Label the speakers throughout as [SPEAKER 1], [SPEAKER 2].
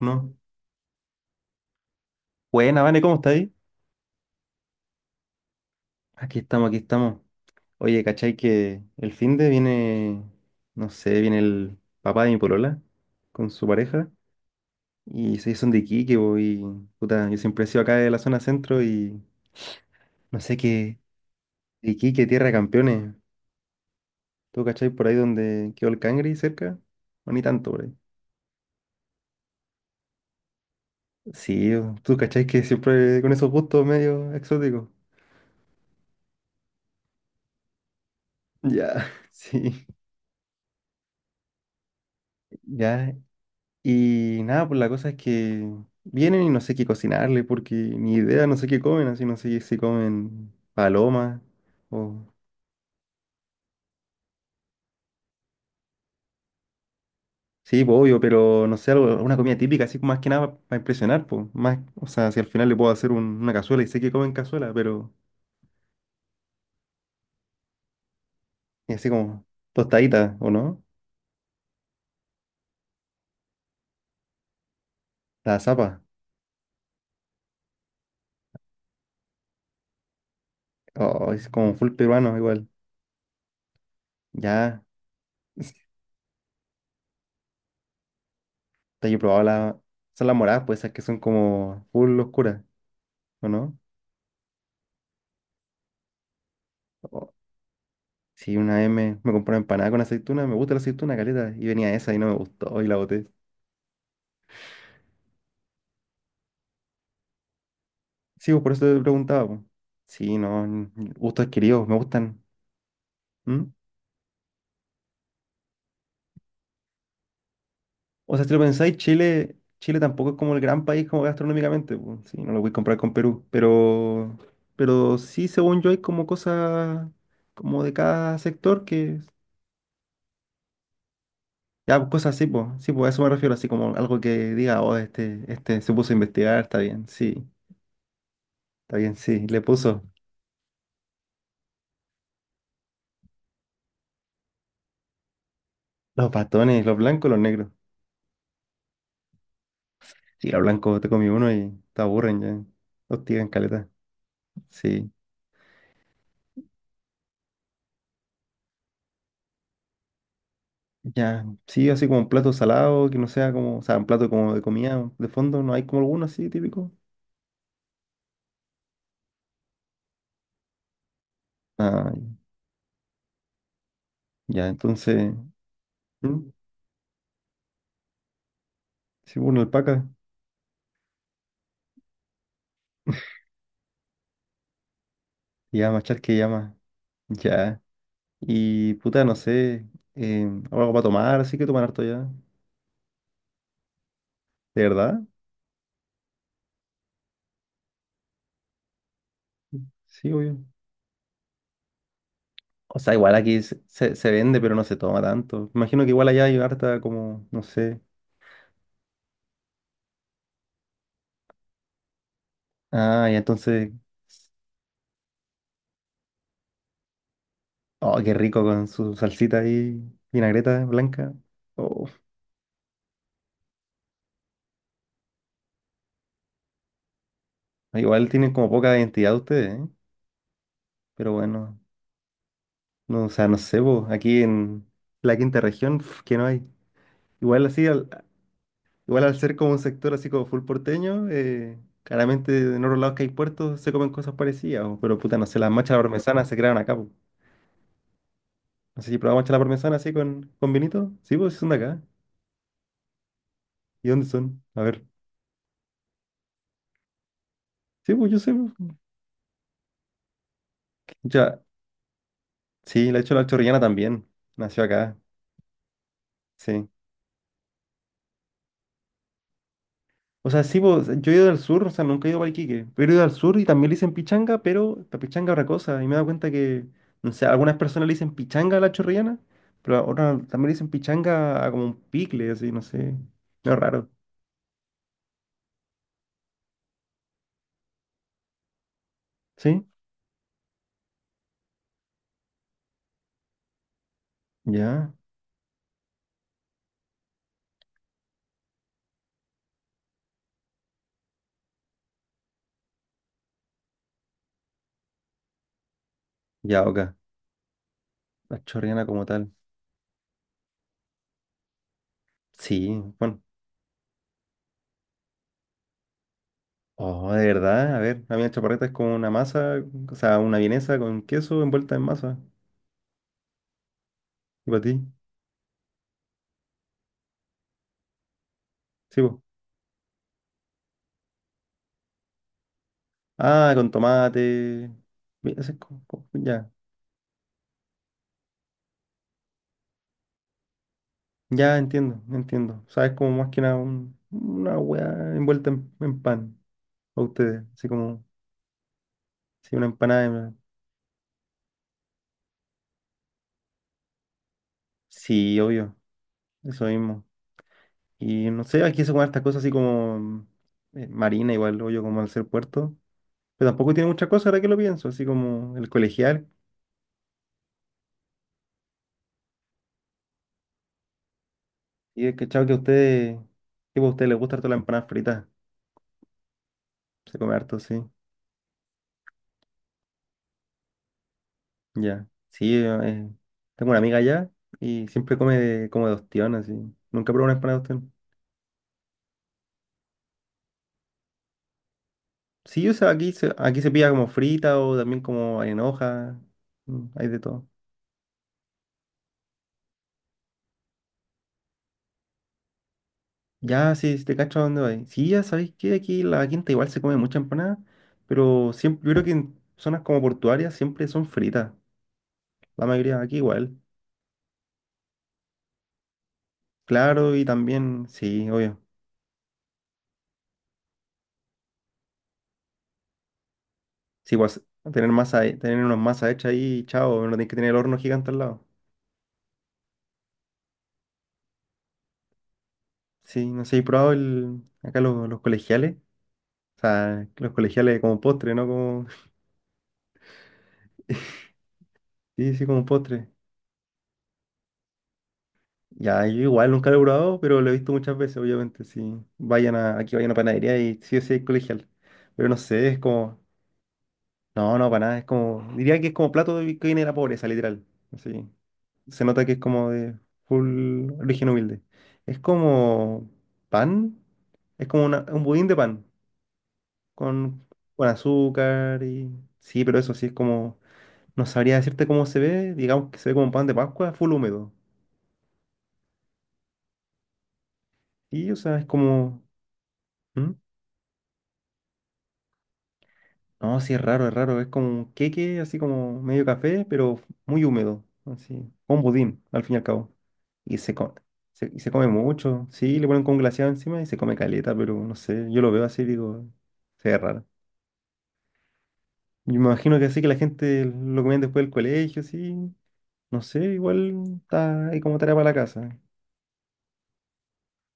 [SPEAKER 1] No. Buena, Vane, ¿cómo está ahí? Aquí estamos. Oye, ¿cachai que el fin de viene, no sé, viene el papá de mi polola con su pareja y se son de Iquique, po, y puta, yo siempre he sido acá de la zona centro y no sé qué, de Iquique, tierra de campeones. ¿Tú cachai por ahí donde quedó el Cangri cerca? O ni tanto por ahí. Sí, tú cachai que siempre con esos gustos medio exóticos. Ya, sí. Ya, y nada, pues la cosa es que vienen y no sé qué cocinarle, porque ni idea, no sé qué comen, así no sé si comen palomas o... Sí, pues obvio, pero no sé, algo, una comida típica, así más que nada para impresionar, pues. Más, o sea, si al final le puedo hacer una cazuela y sé que comen cazuela, pero... Y así como tostadita, ¿o no? La zapa. Oh, es como full peruano igual. Ya, es- yo he probado la... Son las moradas, pues esas que son como full oscuras, ¿o no? Sí, una vez me, me compré una empanada con aceituna, me gusta la aceituna, caleta, y venía esa y no me gustó y la boté. Sí, pues por eso te preguntaba, pues. Sí, no, gustos adquiridos, me gustan. ¿Mm? O sea, si lo pensáis, Chile, Chile tampoco es como el gran país como gastronómicamente, pues. Sí, no lo voy a comprar con Perú, pero sí, según yo, hay como cosas como de cada sector que... Ya, pues cosas así, pues. Sí, pues a eso me refiero, así como algo que diga, oh, este se puso a investigar, está bien, sí, le puso. Los bastones, los blancos, los negros. Sí, los blancos te comí uno y te aburren ya. Hostigan caleta. Sí. Ya, sí, así como un plato salado, que no sea como, o sea, un plato como de comida de fondo, no hay como alguno así típico. Ah, ya, entonces, ¿mm? Sí, una alpaca, llama, charque llama, ya. Y puta, no sé, eh, algo para tomar, así que tomar harto ya. ¿De verdad? Sí, obvio. O sea, igual aquí se, se vende, pero no se toma tanto. Imagino que igual allá hay harta como, no sé. Ah, y entonces, oh, qué rico con su salsita y vinagreta blanca. Oh, igual tienen como poca identidad ustedes, ¿eh? Pero bueno, no, o sea, no sé, po, aquí en la quinta región, pf, que no hay. Igual así, al, igual al ser como un sector así como full porteño, claramente en otros lados que hay puertos se comen cosas parecidas, po, pero puta, no sé, las machas a la parmesana se crearon acá, po. No sé si probamos machas a la parmesana así con vinito. Sí, pues, son de acá. ¿Y dónde son? A ver. Sí, pues yo sé, pues. Ya, sí, de hecho la chorrillana también. Nació acá, sí. O sea, sí, pues, yo he ido al sur, o sea, nunca he ido a Iquique, pero he ido al sur y también le dicen pichanga, pero la pichanga es otra cosa. Y me he dado cuenta que, no sé, algunas personas le dicen pichanga a la chorrillana, pero a otras también le dicen pichanga a como un picle, así, no sé. No, es raro. ¿Sí? Ya, ya, ok. La chorrillana como tal. Sí, bueno. Oh, de verdad, a ver, a mí la chaparreta es como una masa, o sea, una vienesa con queso envuelta en masa. ¿Y para ti? Sí, pues. Ah, con tomate. Ve, ese es como- como- ya, ya entiendo, entiendo. Sabes como más que nada una hueá envuelta en pan a ustedes. Así como, sí, una empanada. Sí, obvio, eso mismo. Y no sé, aquí se comen estas cosas así como marina, igual, obvio, como al ser puerto. Pero tampoco tiene muchas cosas ahora que lo pienso, así como el colegial. Y he cachado que a ustedes, tipo, a ustedes les gusta harto la empanada frita. Se come harto, sí. Ya. Sí, tengo una amiga allá y siempre come de, como de ostión, así. Nunca probó una empanada de ostión. Sí, o sea, aquí se pilla como frita o también como en hoja. Mm, hay de todo. Ya, sí te cacho a dónde voy. Sí, ya sabéis que aquí en la quinta igual se come mucha empanada, pero siempre, yo creo que en zonas como portuarias siempre son fritas. La mayoría aquí igual. Claro, y también, sí, obvio. Sí, pues tener masa, tener unas masa hecha ahí, chao, no tienes que tener el horno gigante al lado. Sí, no sé, he probado el, acá los colegiales. O sea, los colegiales como postre, ¿no? Como, sí, sí, como postre. Ya, yo igual nunca lo he probado, pero lo he visto muchas veces, obviamente. Si vayan a, aquí vayan a panadería y sí o sí hay colegial. Pero no sé, es como, no, no, para nada, es como, diría que es como que viene de la pobreza, literal. Así, se nota que es como de full origen humilde. Es como pan, es como un budín de pan, con, con azúcar y, sí, pero eso sí es como no sabría decirte cómo se ve, digamos que se ve como un pan de Pascua, full húmedo. Y, o sea, es como... ¿Mm? No, sí, es raro, es raro. Es como un queque, así como medio café, pero muy húmedo. Así, como un budín, al fin y al cabo. Y y se come mucho. Sí, le ponen con glaseado encima y se come caleta, pero no sé, yo lo veo así y digo, se ve raro. Y me imagino que así que la gente lo comían después del colegio, sí. No sé, igual está ahí como tarea para la casa.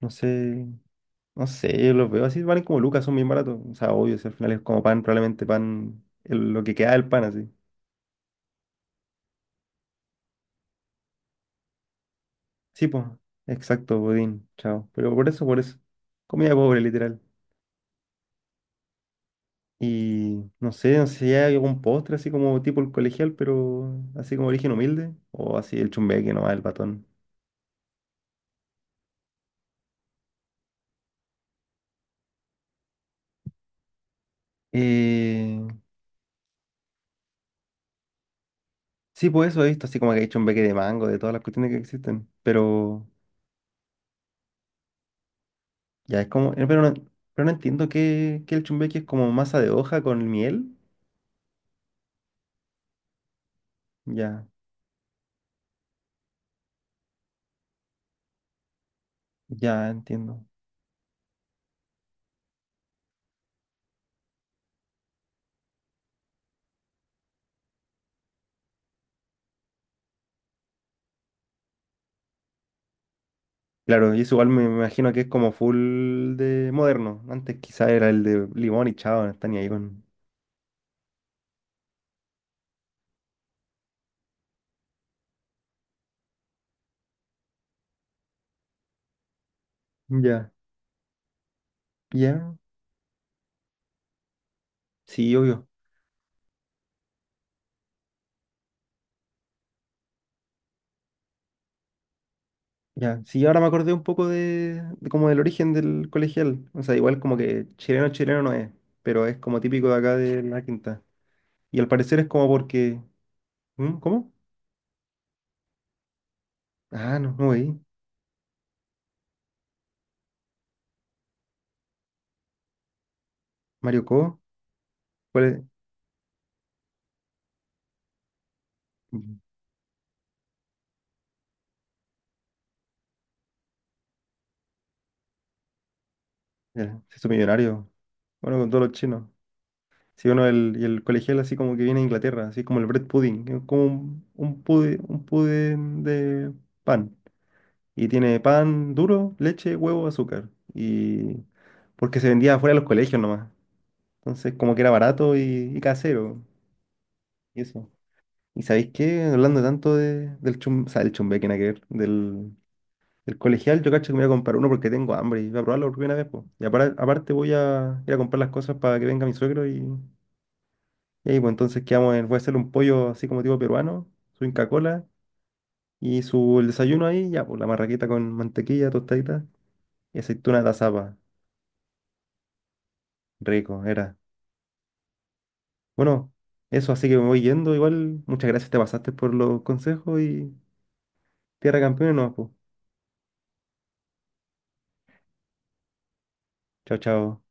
[SPEAKER 1] No sé. No sé, yo los veo así, valen como lucas, son bien baratos. O sea, obvio, si al final es como pan, probablemente pan, lo que queda del pan, así. Sí, pues, exacto, budín, chao. Pero por eso, por eso. Comida pobre, literal. Y no sé, no sé si hay algún postre así como tipo el colegial, pero así como origen humilde. O así el chumbeque nomás, el patón. Eh, sí, pues eso he visto, así como que hay chumbeque de mango, de todas las cuestiones que existen. Pero ya es como, pero no entiendo que el chumbeque es como masa de hoja con miel. Ya. Ya entiendo. Claro, y eso igual me imagino que es como full de moderno. Antes quizá era el de limón y chao, no está ni ahí con. Ya, ya, sí, obvio. Ya, sí, ahora me acordé un poco de como del origen del colegial. O sea, igual como que chileno chileno no es, pero es como típico de acá de la quinta. Y al parecer es como porque. ¿Mm? ¿Cómo? Ah, no, no veí. Mario Co. ¿Cuál es? Mm, ya, se hizo millonario. Bueno, con todos los chinos. Si uno el, y el colegial así como que viene de Inglaterra, así como el bread pudding, que es como un, un pudín de pan. Y tiene pan duro, leche, huevo, azúcar. Y porque se vendía afuera de los colegios nomás. Entonces como que era barato y casero. Y eso. ¿Y sabéis qué? Hablando tanto de, o sea, del chumbeque, nada que ver, del, del colegial, yo cacho que me voy a comprar uno porque tengo hambre y voy a probarlo por primera vez, po. Y aparte voy a ir a comprar las cosas para que venga mi suegro y ahí, pues entonces quedamos en, voy a hacerle un pollo así como tipo peruano, su Inca Kola y su el desayuno ahí, ya, pues la marraquita con mantequilla, tostadita y aceituna de zapa. Rico, era. Bueno, eso así que me voy yendo. Igual, muchas gracias, te pasaste por los consejos y tierra campeona, no, pues. Chao, chao.